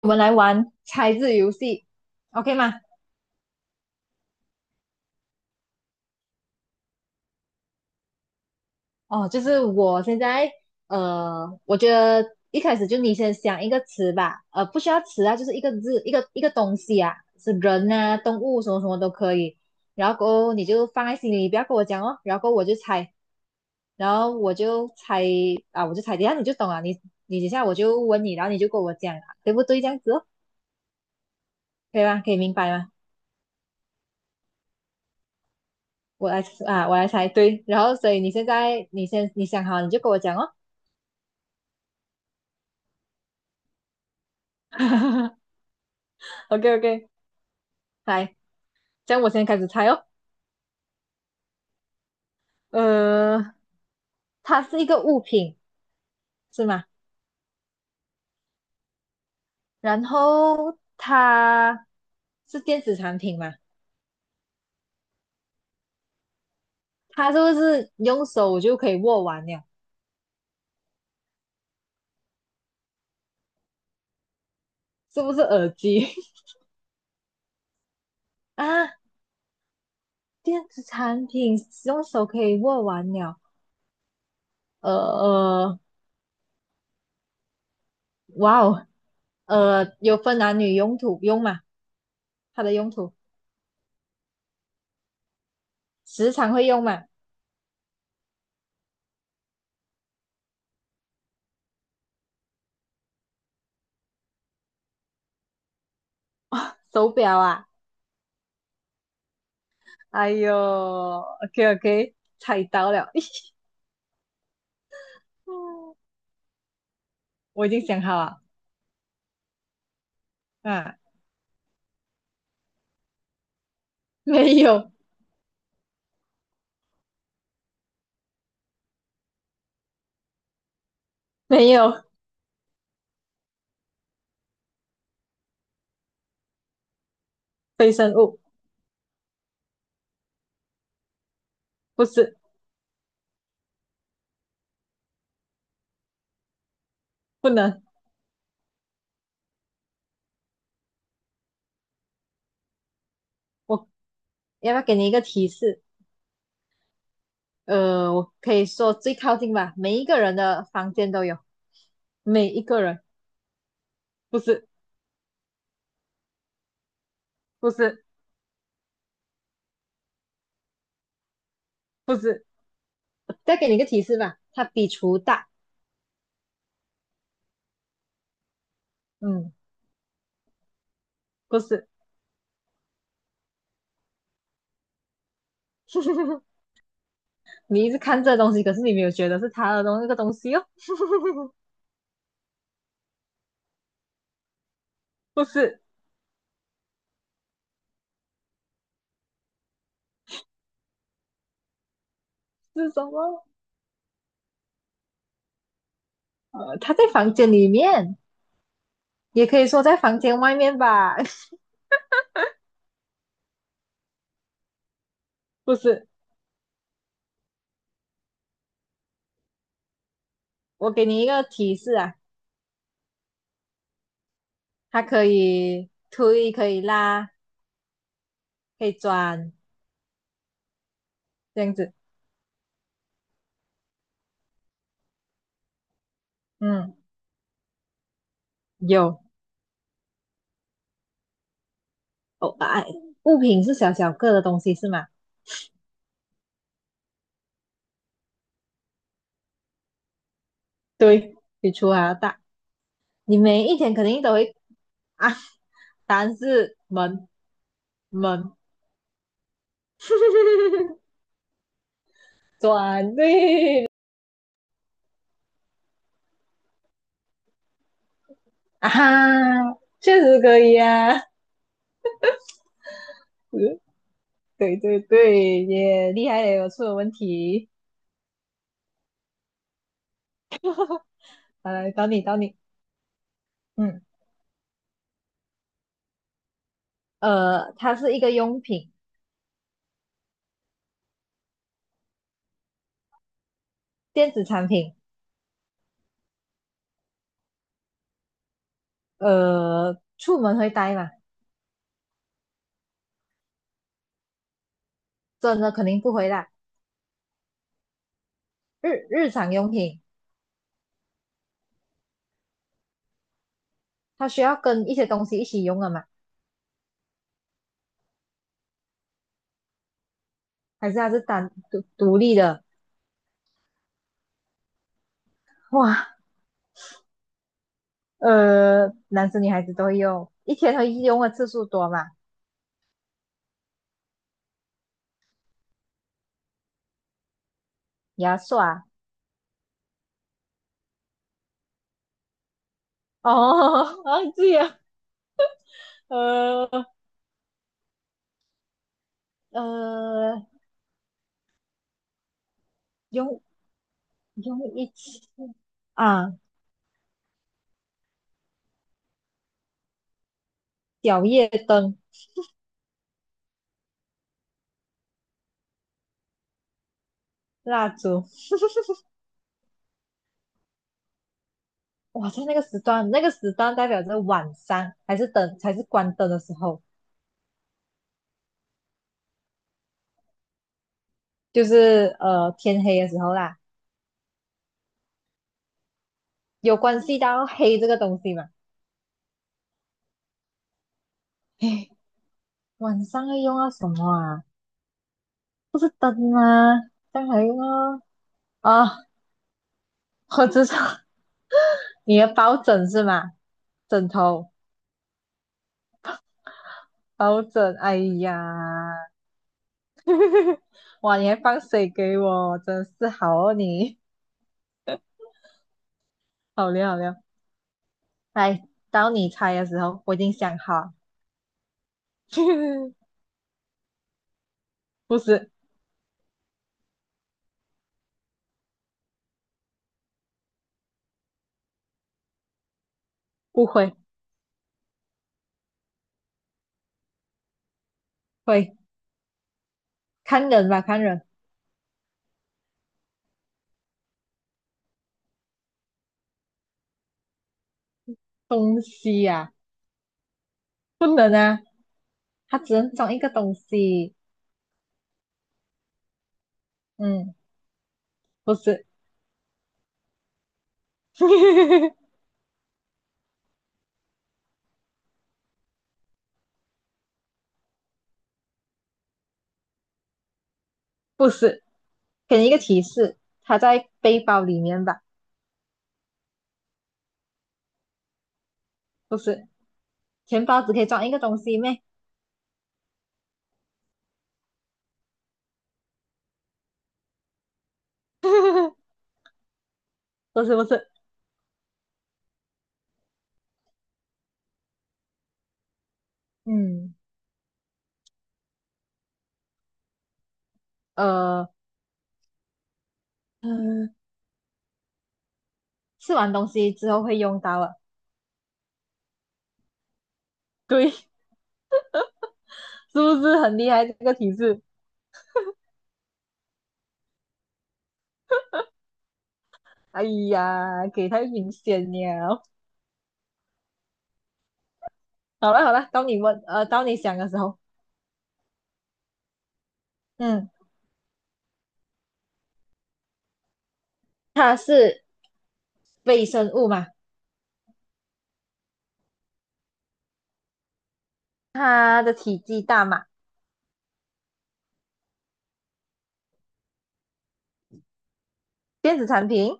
我们来玩猜字游戏，OK 吗？哦，就是我现在，我觉得一开始就你先想一个词吧，不需要词啊，就是一个字，一个东西啊，是人啊、动物什么什么都可以。然后过后你就放在心里，不要跟我讲哦。然后过后我就猜，然后我就猜啊，我就猜，等一下你就懂了。你等一下我就问你，然后你就跟我讲啊，对不对？这样子哦，可以吗？可以明白吗？我来啊，我来猜，对。然后所以你现在你先想好，你就跟我讲哦。OK OK，来，这样我先开始猜哦。呃，它是一个物品是吗？然后它是电子产品吗？它是不是用手就可以握完了？是不是耳机 啊？电子产品用手可以握完了。呃呃，哇哦，有分男女用途用嘛？它的用途时常会用嘛？手表啊？哎呦，OK OK，猜到了。嗯，我已经想好了，啊，没有，没有。非生物，不是，不能。我要不要给你一个提示？我可以说最靠近吧，每一个人的房间都有，每一个人，不是，不是，不是。再给你一个提示吧，它比厨大，嗯，不是。你一直看这东西，可是你没有觉得是它的那个东西哦，不是，是什么？它在房间里面，也可以说在房间外面吧，不是。我给你一个提示啊，它可以推，可以拉，可以转，这样子。嗯，有哦，啊，物品是小小个的东西是吗？对，比厨还要大。你每一天肯定都会啊，答案是门，门，转对。啊哈，确实可以啊。嗯，对对对，也厉害了，有出了问题。好来，到你到你。嗯，它是一个用品，电子产品。出门会带吗？真的肯定不回来。日常用品，它需要跟一些东西一起用的嘛，还是它是单独独立的？哇，男生女孩子都会用，一天会用的次数多嘛？牙刷，哦，忘记了，呃呃，用用一起啊，小夜灯、蜡烛，哇，在那个时段，那个时段代表着晚上还是灯，才是关灯的时候，就是天黑的时候啦。有关系到黑这个东西嘛？哎，晚上要用到什么啊？不是灯吗？这样还用啊？啊，我知道你的抱枕是吗？枕头、抱枕，哎呀，哇，你还放水给我，真是好哦你，好料好料。来，到你猜的时候，我已经想好了，不是，不会，会看人吧，看人，东西呀、啊，不能啊，它只能装一个东西，嗯。不是，不是，给你一个提示，它在背包里面吧？不是，钱包只可以装一个东西咩？不是，不是，嗯，呃，嗯，吃完东西之后会用到啊。对，是不是很厉害这个提示？哎呀，给太明显了。好了好了，到你问，到你想的时候，嗯，它是微生物嘛？它的体积大嘛？电子产品？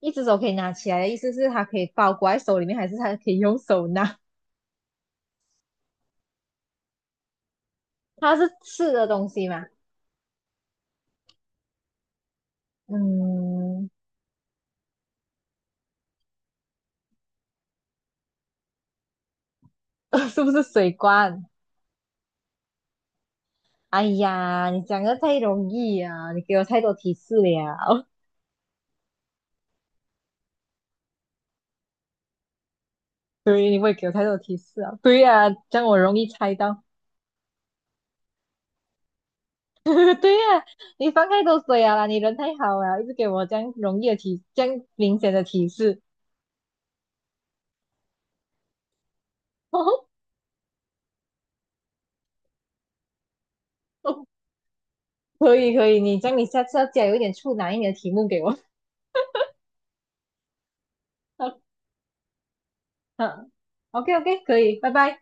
一只手可以拿起来的意思是它可以包裹在手里面，还是它可以用手拿？它是吃的东西嘛？嗯，是不是水罐？哎呀，你讲的太容易啊！你给我太多提示了。对，你会给我太多提示啊。对呀、啊这样我容易猜到。对呀、啊你放太多水啊啦你人太好了，一直给我这样容易的提，这样明显的提示。可以可以，你这样你下次要加有一点处难一点的题目给我。嗯，OK OK，可以，拜拜。